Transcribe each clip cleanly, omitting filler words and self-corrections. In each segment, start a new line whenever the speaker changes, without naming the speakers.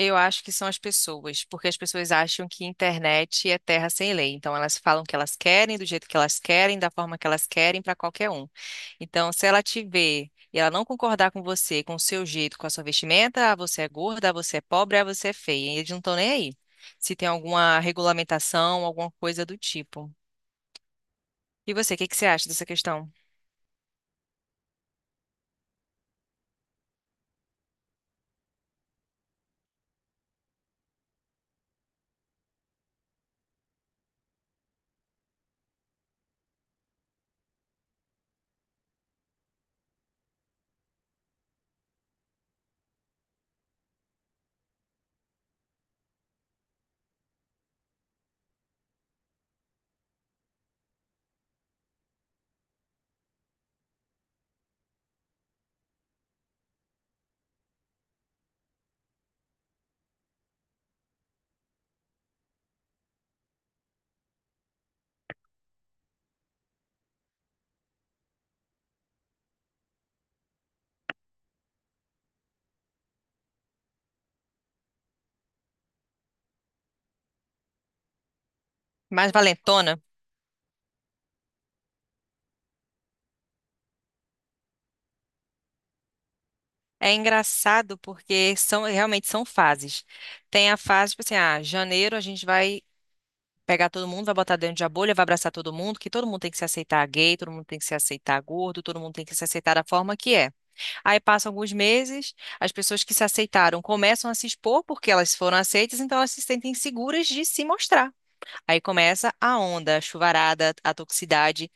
Eu acho que são as pessoas, porque as pessoas acham que internet é terra sem lei. Então, elas falam o que elas querem, do jeito que elas querem, da forma que elas querem, para qualquer um. Então, se ela te ver e ela não concordar com você, com o seu jeito, com a sua vestimenta, ah, você é gorda, ah, você é pobre, ah, você é feia. E eles não estão nem aí. Se tem alguma regulamentação, alguma coisa do tipo. E você, o que que você acha dessa questão? Mais valentona? É engraçado porque são realmente são fases. Tem a fase, tipo assim, ah, janeiro a gente vai pegar todo mundo, vai botar dentro de a bolha, vai abraçar todo mundo, que todo mundo tem que se aceitar gay, todo mundo tem que se aceitar gordo, todo mundo tem que se aceitar da forma que é. Aí passam alguns meses, as pessoas que se aceitaram começam a se expor porque elas foram aceitas, então elas se sentem seguras de se mostrar. Aí começa a onda, a chuvarada, a toxicidade.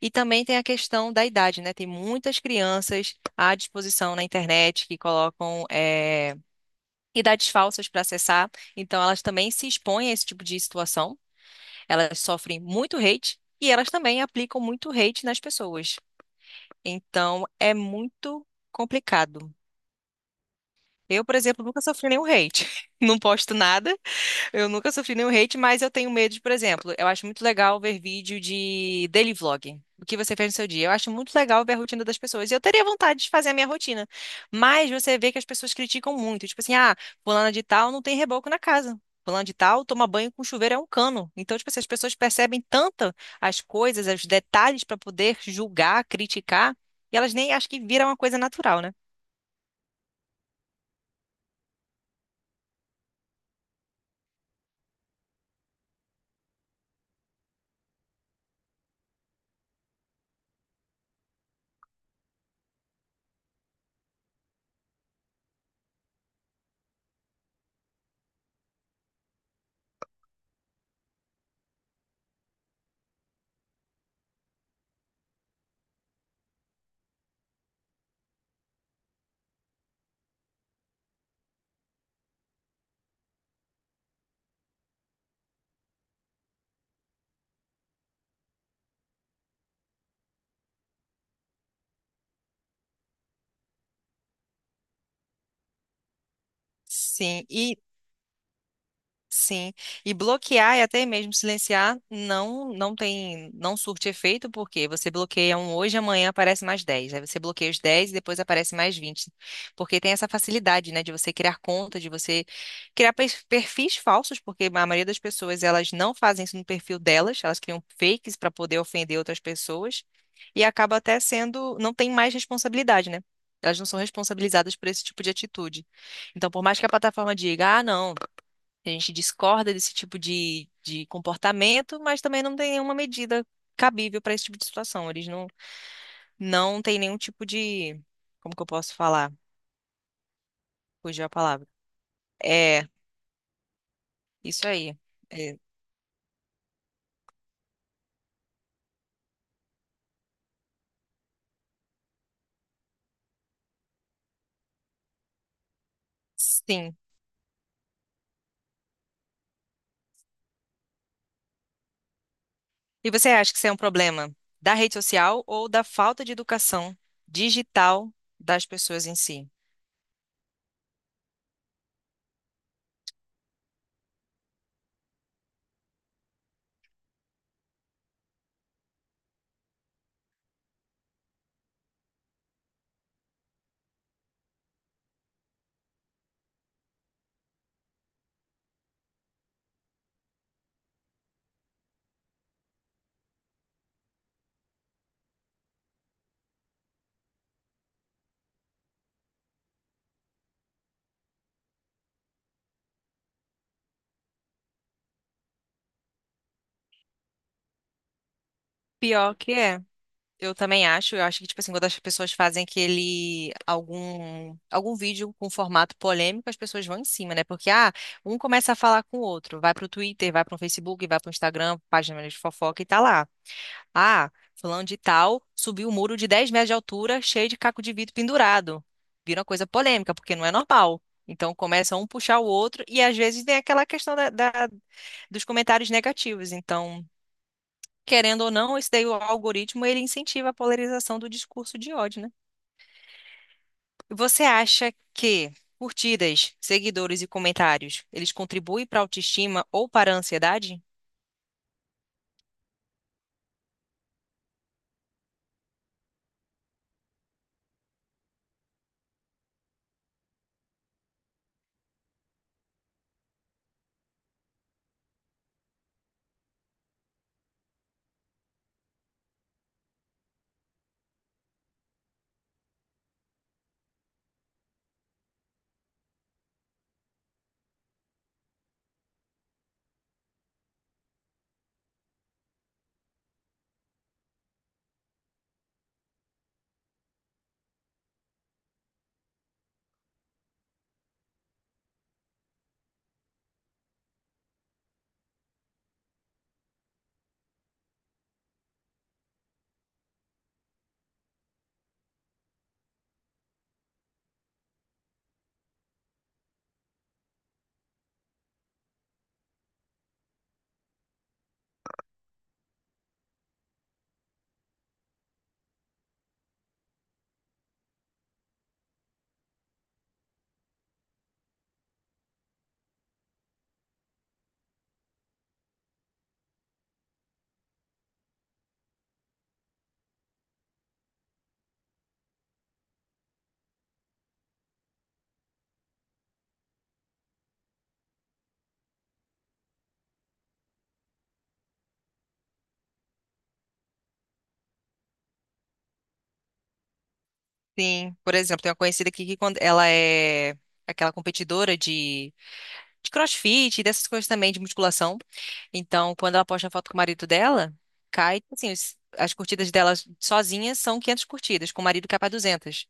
E também tem a questão da idade, né? Tem muitas crianças à disposição na internet que colocam. Idades falsas para acessar, então elas também se expõem a esse tipo de situação. Elas sofrem muito hate e elas também aplicam muito hate nas pessoas. Então, é muito complicado. Eu, por exemplo, nunca sofri nenhum hate. Não posto nada, eu nunca sofri nenhum hate, mas eu tenho medo de, por exemplo, eu acho muito legal ver vídeo de daily vlog. O que você fez no seu dia? Eu acho muito legal ver a rotina das pessoas. E eu teria vontade de fazer a minha rotina. Mas você vê que as pessoas criticam muito. Tipo assim, ah, fulana de tal não tem reboco na casa. Fulana de tal toma banho com chuveiro é um cano. Então, tipo assim, as pessoas percebem tanto as coisas, os detalhes para poder julgar, criticar, e elas nem acham que vira uma coisa natural, né? Sim, e Sim, e bloquear e até mesmo silenciar não, não tem, não surte efeito, porque você bloqueia um hoje, amanhã aparece mais 10. Aí você bloqueia os 10 e depois aparece mais 20. Porque tem essa facilidade, né, de você criar conta, de você criar perfis falsos, porque a maioria das pessoas elas não fazem isso no perfil delas, elas criam fakes para poder ofender outras pessoas, e acaba até sendo, não tem mais responsabilidade, né? Elas não são responsabilizadas por esse tipo de atitude. Então, por mais que a plataforma diga, ah, não, a gente discorda desse tipo de comportamento, mas também não tem nenhuma medida cabível para esse tipo de situação. Eles não, não têm nenhum tipo de. Como que eu posso falar? Fugiu a palavra. É, isso aí. É, sim. E você acha que isso é um problema da rede social ou da falta de educação digital das pessoas em si? Pior que é. Eu também acho, eu acho que, tipo assim, quando as pessoas fazem aquele, algum, algum vídeo com formato polêmico, as pessoas vão em cima, né? Porque, ah, um começa a falar com o outro, vai pro Twitter, vai pro Facebook, vai pro Instagram, página de fofoca e tá lá. Ah, fulano de tal subiu um muro de 10 metros de altura, cheio de caco de vidro pendurado. Vira uma coisa polêmica, porque não é normal. Então começa um puxar o outro e às vezes tem aquela questão dos comentários negativos. Então, querendo ou não, esse daí, o algoritmo ele incentiva a polarização do discurso de ódio, né? Você acha que curtidas, seguidores e comentários, eles contribuem para a autoestima ou para a ansiedade? Sim. Por exemplo, tem uma conhecida aqui que quando ela é aquela competidora de crossfit, e dessas coisas também, de musculação. Então, quando ela posta a foto com o marido dela, cai, assim, as curtidas dela sozinha são 500 curtidas, com o marido cai para 200.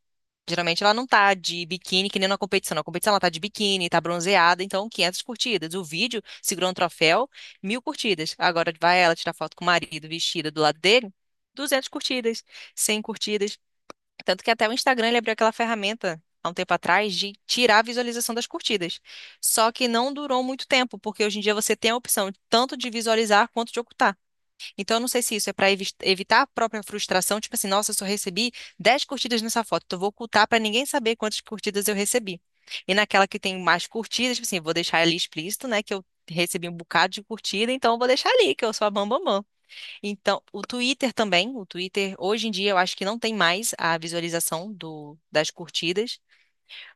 Geralmente ela não tá de biquíni, que nem na competição. Na competição ela tá de biquíni, tá bronzeada, então 500 curtidas. O vídeo segurou um troféu, 1.000 curtidas. Agora vai ela tirar foto com o marido vestida do lado dele, 200 curtidas, 100 curtidas. Tanto que até o Instagram ele abriu aquela ferramenta há um tempo atrás de tirar a visualização das curtidas. Só que não durou muito tempo, porque hoje em dia você tem a opção tanto de visualizar quanto de ocultar. Então, eu não sei se isso é para evitar a própria frustração, tipo assim, nossa, eu só recebi 10 curtidas nessa foto, então eu vou ocultar para ninguém saber quantas curtidas eu recebi. E naquela que tem mais curtidas, tipo assim, vou deixar ali explícito, né, que eu recebi um bocado de curtida, então eu vou deixar ali, que eu sou a bambambam. Então, o Twitter também, o Twitter, hoje em dia eu acho que não tem mais a visualização do, das curtidas,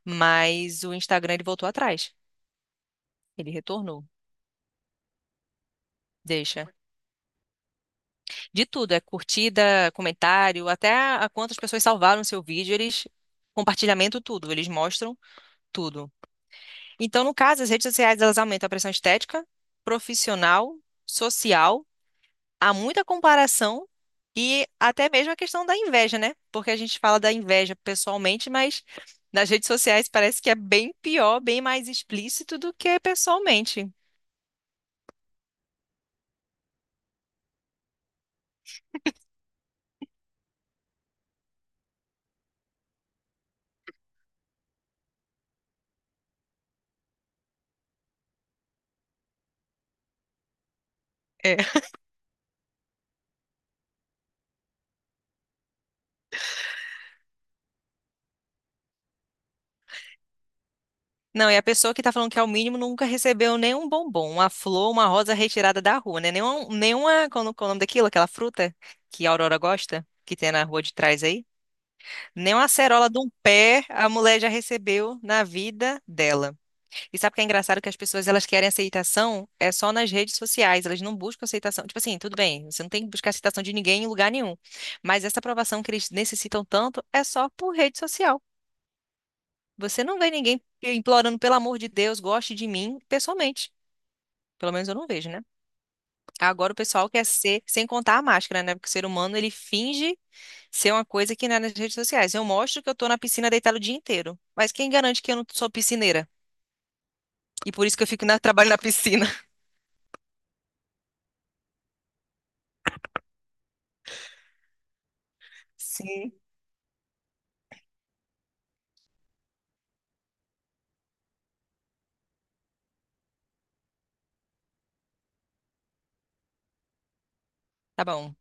mas o Instagram ele voltou atrás, ele retornou, deixa. De tudo, é curtida, comentário, até a quantas pessoas salvaram seu vídeo, eles, compartilhamento, tudo, eles mostram tudo. Então, no caso, as redes sociais elas aumentam a pressão estética, profissional, social, há muita comparação e até mesmo a questão da inveja, né? Porque a gente fala da inveja pessoalmente, mas nas redes sociais parece que é bem pior, bem mais explícito do que pessoalmente. É. Não, e a pessoa que tá falando que é o mínimo nunca recebeu nenhum bombom, uma flor, uma rosa retirada da rua, né? Nenhuma, nenhuma, qual é o nome daquilo? Aquela fruta que a Aurora gosta, que tem na rua de trás aí. Nem uma acerola de um pé a mulher já recebeu na vida dela. E sabe o que é engraçado? Que as pessoas elas querem aceitação é só nas redes sociais, elas não buscam aceitação. Tipo assim, tudo bem, você não tem que buscar aceitação de ninguém em lugar nenhum. Mas essa aprovação que eles necessitam tanto é só por rede social. Você não vê ninguém implorando, pelo amor de Deus, goste de mim pessoalmente. Pelo menos eu não vejo, né? Agora o pessoal quer ser, sem contar a máscara, né? Porque o ser humano ele finge ser uma coisa que não é nas redes sociais. Eu mostro que eu tô na piscina deitada o dia inteiro. Mas quem garante que eu não sou piscineira? E por isso que eu fico na, trabalho na piscina. Sim. Tá bom.